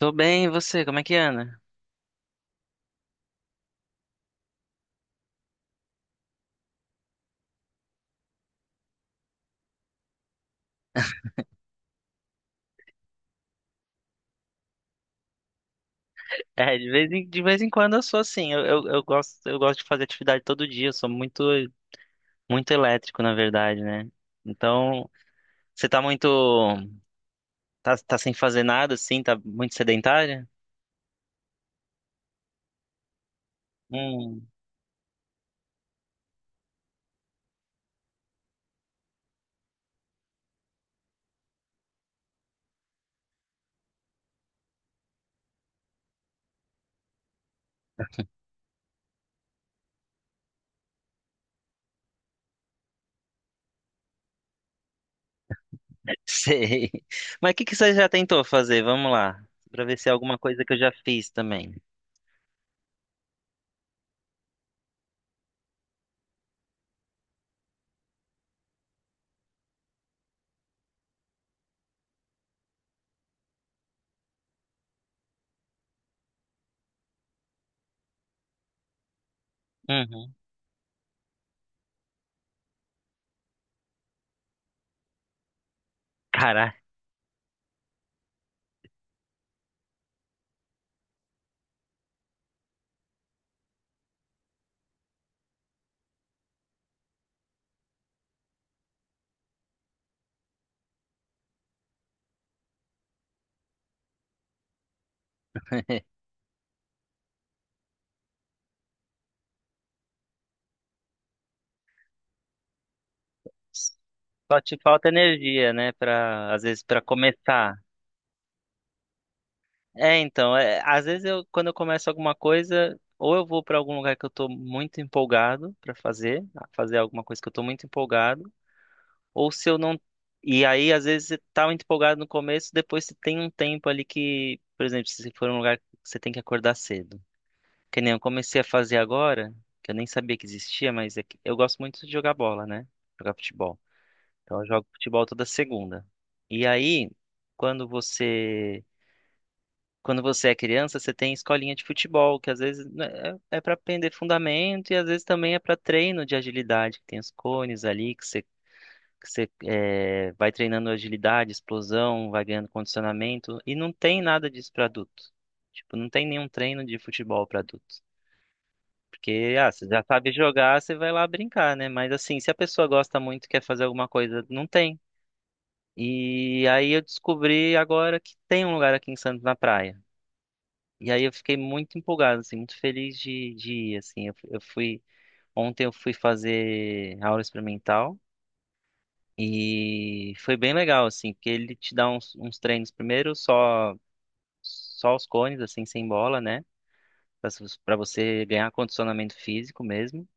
Tô bem, e você? Como é que anda? É, de vez em quando eu sou assim. Eu gosto, eu gosto de fazer atividade todo dia. Eu sou muito elétrico, na verdade, né? Então, você tá muito, tá sem fazer nada, assim, tá muito sedentária? Hum, sei. Mas o que que você já tentou fazer? Vamos lá, pra ver se é alguma coisa que eu já fiz também. Uhum. Caraca, só te falta energia, né? Pra, às vezes, pra começar. É, então, é, às vezes eu, quando eu começo alguma coisa, ou eu vou para algum lugar que eu tô muito empolgado para fazer, fazer alguma coisa que eu tô muito empolgado, ou se eu não. E aí, às vezes, você tá muito empolgado no começo, depois você tem um tempo ali que, por exemplo, se for um lugar que você tem que acordar cedo. Que nem eu comecei a fazer agora, que eu nem sabia que existia, mas é que eu gosto muito de jogar bola, né? Jogar futebol. Então eu jogo futebol toda segunda. E aí, quando você quando você é criança, você tem escolinha de futebol, que às vezes né, é para aprender fundamento e às vezes também é para treino de agilidade, que tem os cones ali, que você é, vai treinando agilidade, explosão, vai ganhando condicionamento, e não tem nada disso para adulto. Tipo, não tem nenhum treino de futebol para adulto. Porque, ah, você já sabe jogar, você vai lá brincar, né? Mas assim, se a pessoa gosta muito e quer fazer alguma coisa, não tem. E aí eu descobri agora que tem um lugar aqui em Santos na praia. E aí eu fiquei muito empolgado, assim, muito feliz de ir, assim. Eu, eu fui, ontem eu fui fazer aula experimental e foi bem legal, assim, porque ele te dá uns, uns treinos primeiro só os cones, assim, sem bola, né? Para você ganhar condicionamento físico mesmo.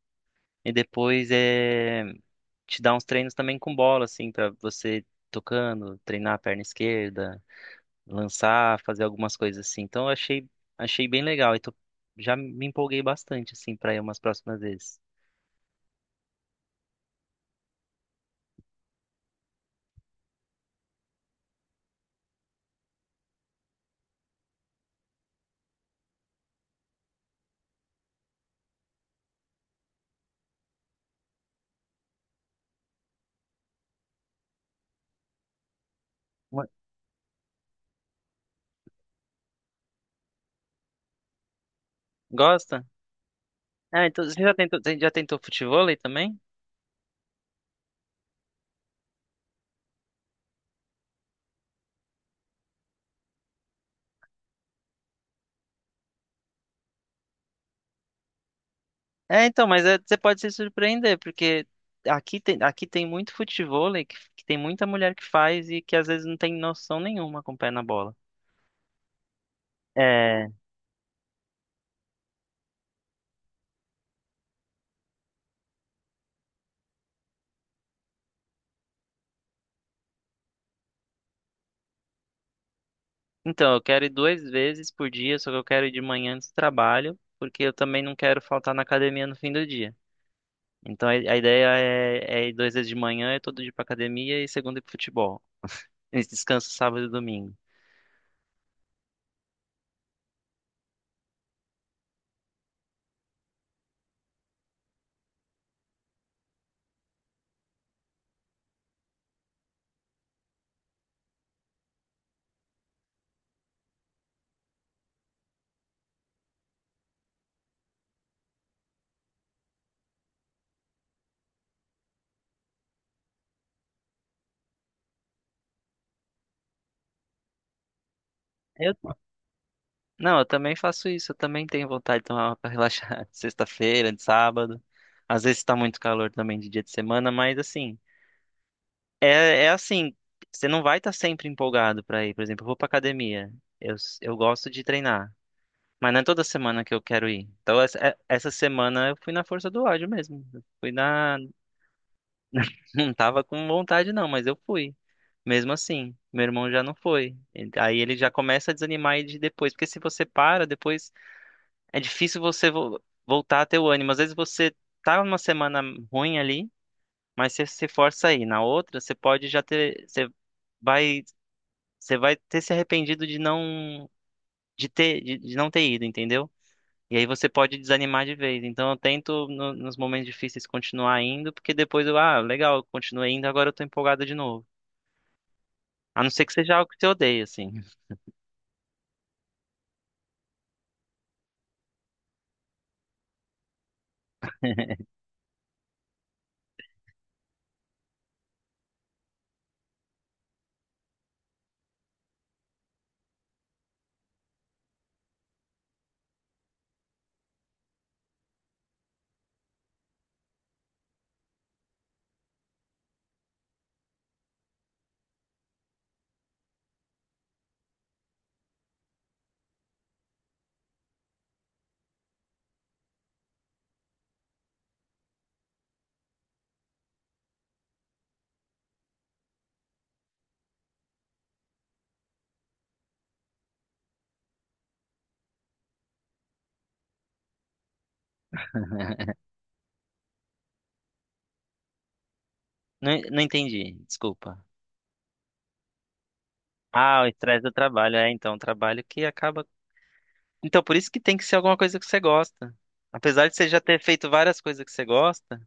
E depois é, te dá uns treinos também com bola, assim, para você tocando, treinar a perna esquerda, lançar, fazer algumas coisas assim. Então eu achei, achei bem legal. E tô, já me empolguei bastante assim para ir umas próximas vezes. Uma- Gosta? Ah, então você já tentou futevôlei também? É, então, você pode se surpreender, porque aqui tem muito futevôlei que tem muita mulher que faz e que às vezes não tem noção nenhuma com o pé na bola. É, então, eu quero ir 2 vezes por dia, só que eu quero ir de manhã antes do trabalho, porque eu também não quero faltar na academia no fim do dia. Então a ideia é, é ir 2 dias de manhã, é todo dia pra academia e segunda ir pro futebol. E descanso sábado e domingo. Eu, não, eu também faço isso. Eu também tenho vontade de tomar uma pra relaxar de sexta-feira, de sábado. Às vezes tá muito calor também de dia de semana, mas assim, é, é assim, você não vai estar sempre empolgado pra ir. Por exemplo, eu vou pra academia. Eu, eu gosto de treinar. Mas não é toda semana que eu quero ir. Então, essa semana eu fui na força do ódio mesmo. Eu fui na. Não tava com vontade, não, mas eu fui. Mesmo assim, meu irmão já não foi. Aí ele já começa a desanimar aí de depois, porque se você para, depois é difícil voltar a ter o ânimo. Às vezes você tá numa semana ruim ali, mas você se força aí. Na outra, você pode já ter, vai, você vai ter se arrependido de não de ter de não ter ido, entendeu? E aí você pode desanimar de vez. Então eu tento nos momentos difíceis continuar indo, porque depois eu, ah, legal, eu continuei indo, agora eu tô empolgado de novo. A não ser que seja algo que você odeia, assim. Não, não entendi, desculpa. Ah, o estresse do trabalho, é, então, um trabalho que acaba. Então, por isso que tem que ser alguma coisa que você gosta. Apesar de você já ter feito várias coisas que você gosta,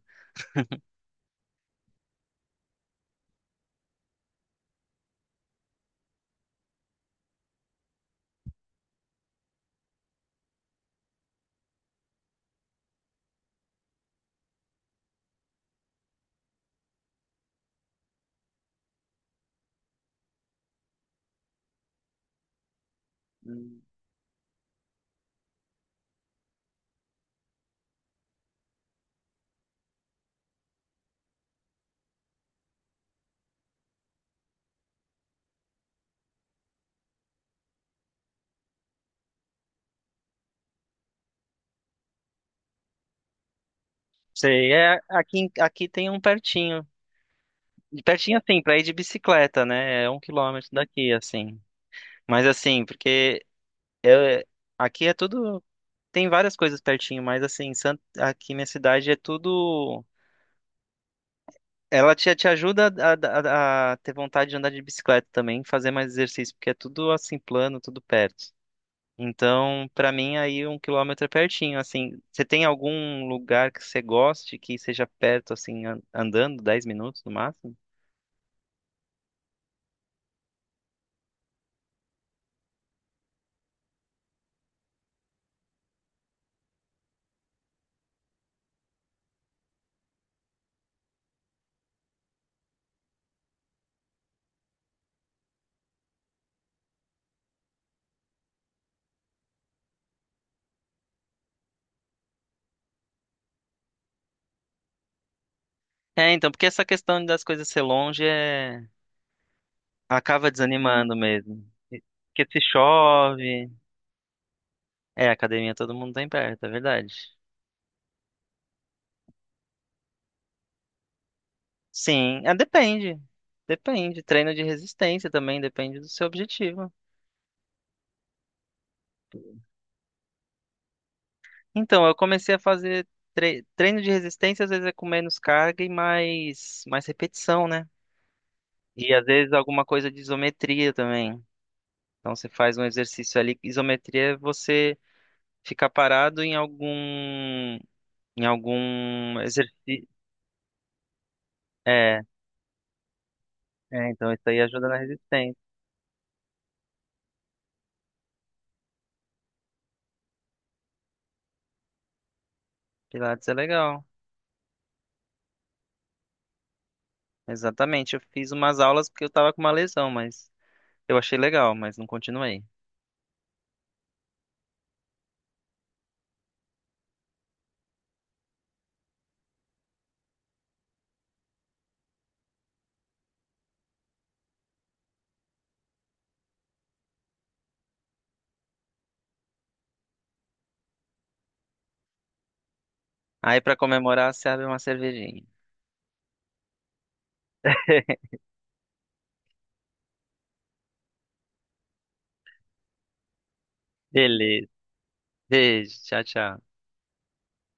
hum, você é aqui, aqui tem um pertinho. E pertinho assim, pra ir de bicicleta, né? É 1 quilômetro daqui, assim. Mas assim, porque eu, aqui é tudo. Tem várias coisas pertinho, mas assim, aqui minha cidade é tudo. Ela te, te ajuda a ter vontade de andar de bicicleta também, fazer mais exercício, porque é tudo assim plano, tudo perto. Então, pra mim, aí 1 quilômetro é pertinho, assim. Você tem algum lugar que você goste que seja perto, assim, andando, 10 minutos no máximo? É, então, porque essa questão das coisas ser longe é... acaba desanimando mesmo. E- Porque se chove. É, academia todo mundo tem perto, é verdade. Sim, é, depende. Depende. Treino de resistência também, depende do seu objetivo. Então, eu comecei a fazer treino de resistência, às vezes é com menos carga e mais, mais repetição, né? E às vezes alguma coisa de isometria também. Então você faz um exercício ali. Isometria é você ficar parado em algum exercício. É, então isso aí ajuda na resistência. Pilates é legal. Exatamente. Eu fiz umas aulas porque eu tava com uma lesão, mas eu achei legal, mas não continuei. Aí pra comemorar, você abre uma cervejinha. Beleza. Beijo. Tchau, tchau.